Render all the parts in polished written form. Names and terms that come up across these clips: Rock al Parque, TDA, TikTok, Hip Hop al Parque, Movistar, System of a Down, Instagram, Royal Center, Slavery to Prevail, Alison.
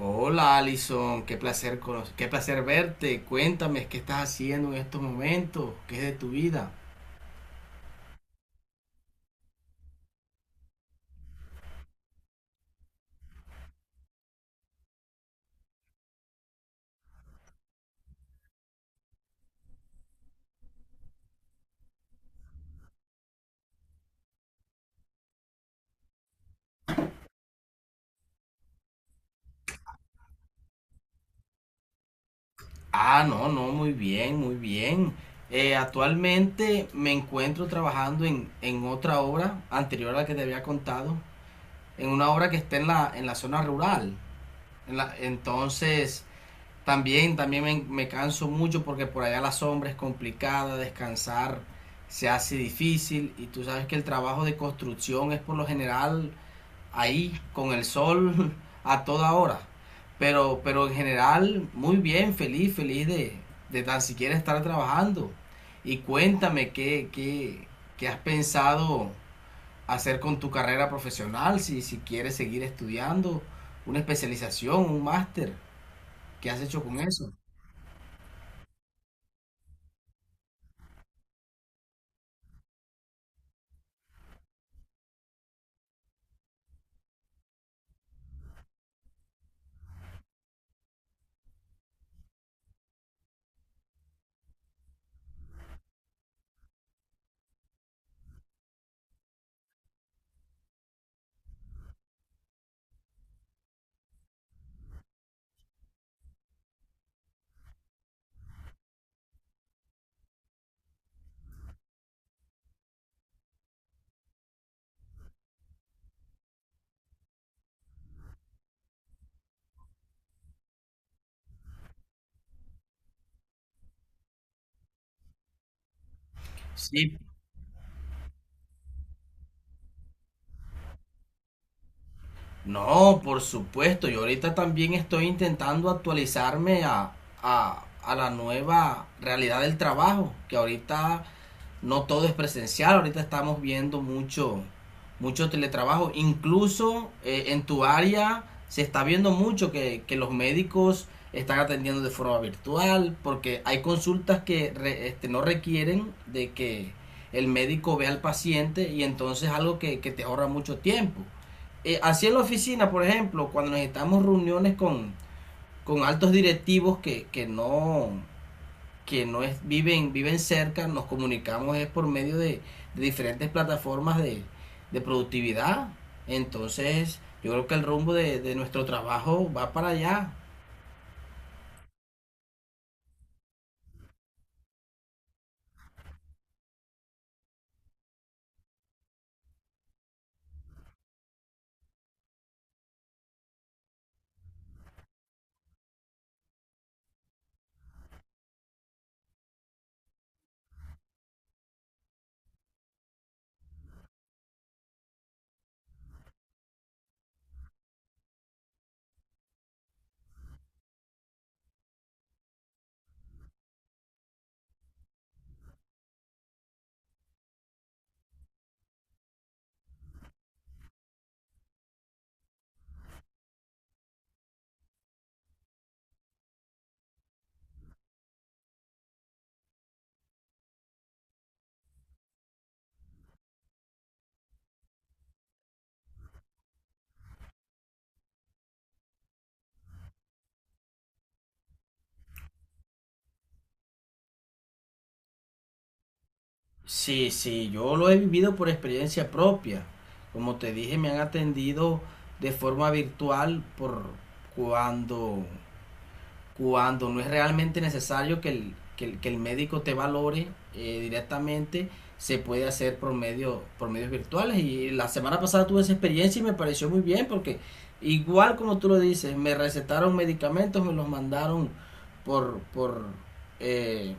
Hola Alison, qué placer, qué placer verte. Cuéntame qué estás haciendo en estos momentos, qué es de tu vida. Ah, no, no, muy bien, muy bien. Actualmente me encuentro trabajando en otra obra anterior a la que te había contado, en una obra que está en la zona rural. Entonces, también me canso mucho porque por allá la sombra es complicada, descansar se hace difícil y tú sabes que el trabajo de construcción es por lo general ahí con el sol a toda hora. Pero en general, muy bien, feliz, feliz de tan siquiera estar trabajando. Y cuéntame qué has pensado hacer con tu carrera profesional, si quieres seguir estudiando, una especialización, un máster, ¿qué has hecho con eso? Sí. No, por supuesto, yo ahorita también estoy intentando actualizarme a la nueva realidad del trabajo, que ahorita no todo es presencial. Ahorita estamos viendo mucho teletrabajo. Incluso en tu área se está viendo mucho que los médicos están atendiendo de forma virtual, porque hay consultas que no requieren de que el médico vea al paciente y entonces algo que te ahorra mucho tiempo. Así en la oficina, por ejemplo, cuando necesitamos reuniones con altos directivos que no es, viven cerca, nos comunicamos es por medio de diferentes plataformas de productividad. Entonces, yo creo que el rumbo de nuestro trabajo va para allá. Sí, sí, yo lo he vivido por experiencia propia. Como te dije, me han atendido de forma virtual por cuando cuando no es realmente necesario que el médico te valore directamente, se puede hacer por medios virtuales. Y la semana pasada tuve esa experiencia y me pareció muy bien porque igual como tú lo dices, me recetaron medicamentos, me los mandaron por eh,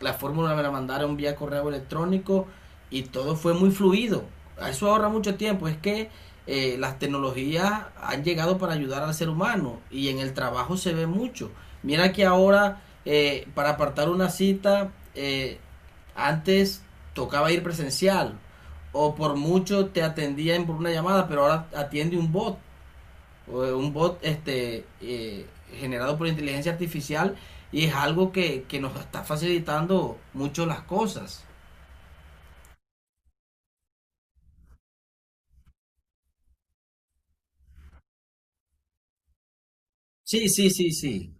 la fórmula, me la mandaron vía correo electrónico y todo fue muy fluido. Eso ahorra mucho tiempo. Es que las tecnologías han llegado para ayudar al ser humano y en el trabajo se ve mucho. Mira que ahora, para apartar una cita, antes tocaba ir presencial o por mucho te atendían por una llamada, pero ahora atiende un bot, un bot generado por inteligencia artificial y es algo que nos está facilitando mucho las cosas. Sí, sí, sí, sí.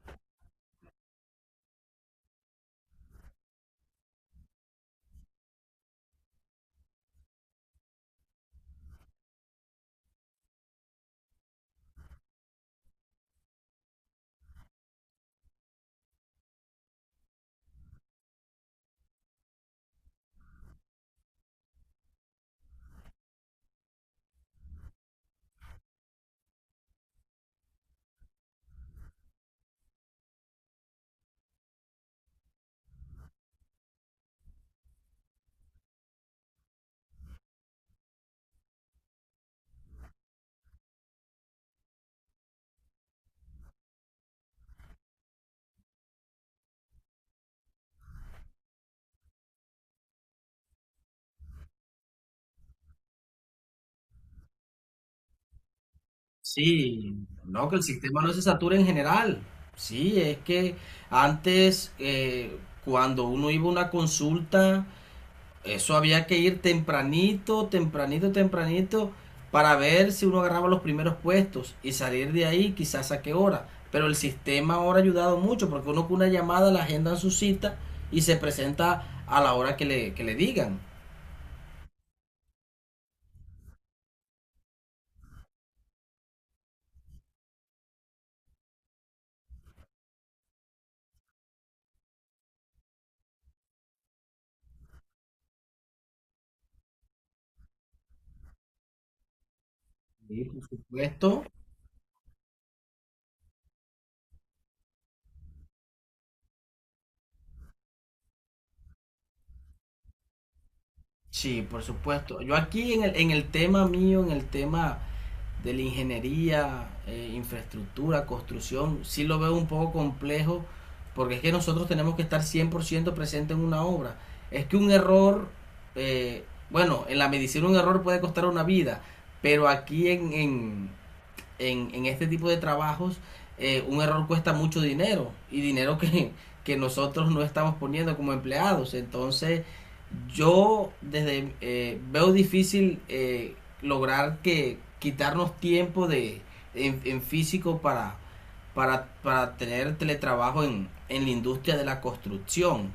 Sí, no, que el sistema no se satura en general. Sí, es que antes, cuando uno iba a una consulta, eso había que ir tempranito, tempranito, tempranito para ver si uno agarraba los primeros puestos y salir de ahí quizás a qué hora. Pero el sistema ahora ha ayudado mucho porque uno con una llamada la agenda en su cita y se presenta a la hora que le digan. Sí, por supuesto. Sí, por supuesto. Yo aquí en el tema mío, en el tema de la ingeniería, infraestructura, construcción, sí lo veo un poco complejo, porque es que nosotros tenemos que estar 100% presente en una obra. Es que un error, eh, bueno, en la medicina un error puede costar una vida, pero aquí en este tipo de trabajos un error cuesta mucho dinero y dinero que nosotros no estamos poniendo como empleados. Entonces, yo desde veo difícil lograr que quitarnos tiempo de en físico para tener teletrabajo en la industria de la construcción.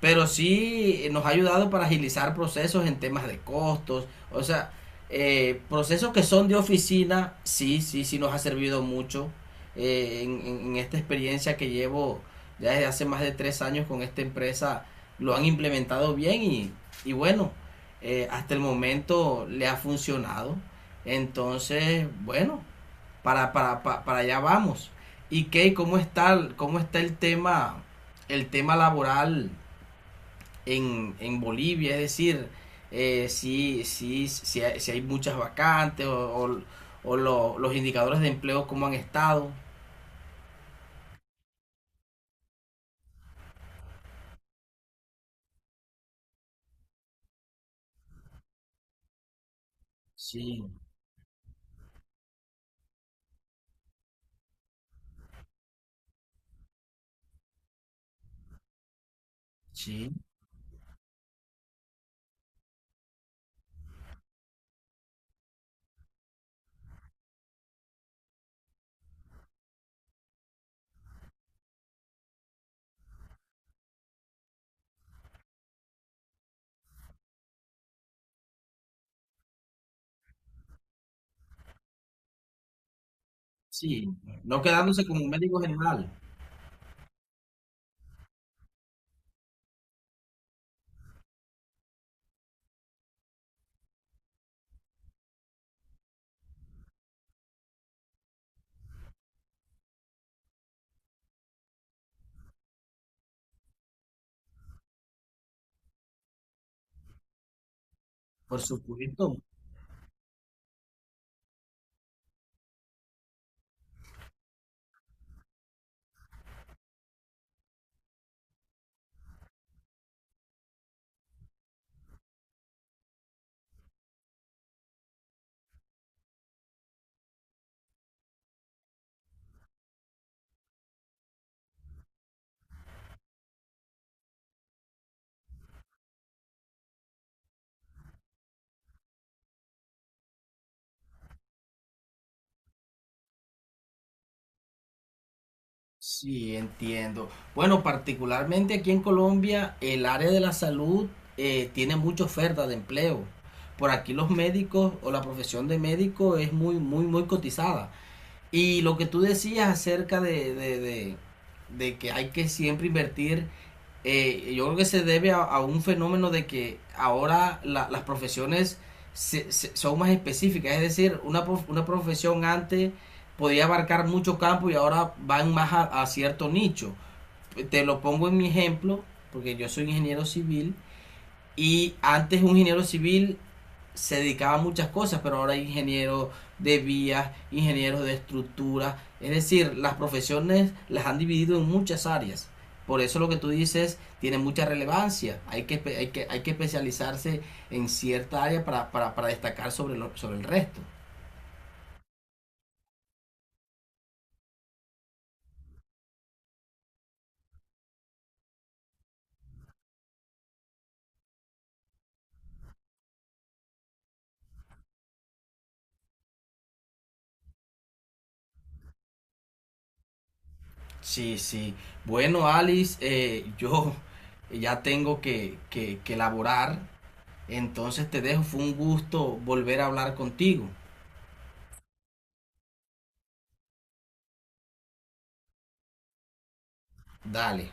Pero sí nos ha ayudado para agilizar procesos en temas de costos. O sea, procesos que son de oficina, sí, sí, sí nos ha servido mucho en esta experiencia que llevo ya desde hace más de 3 años con esta empresa. Lo han implementado bien y bueno, hasta el momento le ha funcionado. Entonces, bueno, para allá vamos. ¿Y qué? ¿Cómo está el tema laboral en Bolivia? Es decir, si hay muchas vacantes o los indicadores de empleo, ¿cómo han estado? Sí, sí, sí. No quedándose como un médico general, por supuesto. Sí, entiendo. Bueno, particularmente aquí en Colombia, el área de la salud tiene mucha oferta de empleo. Por aquí los médicos o la profesión de médico es muy, muy, muy cotizada. Y lo que tú decías acerca de que hay que siempre invertir, yo creo que se debe a un fenómeno de que ahora las profesiones son más específicas, es decir, una profesión antes podía abarcar mucho campo y ahora van más a cierto nicho. Te lo pongo en mi ejemplo, porque yo soy ingeniero civil y antes un ingeniero civil se dedicaba a muchas cosas, pero ahora hay ingenieros de vías, ingenieros de estructuras, es decir, las profesiones las han dividido en muchas áreas. Por eso lo que tú dices tiene mucha relevancia. Hay que especializarse en cierta área para destacar sobre el resto. Sí, sí. Bueno, Alice, yo ya tengo que elaborar. Entonces te dejo. Fue un gusto volver a hablar contigo. Dale.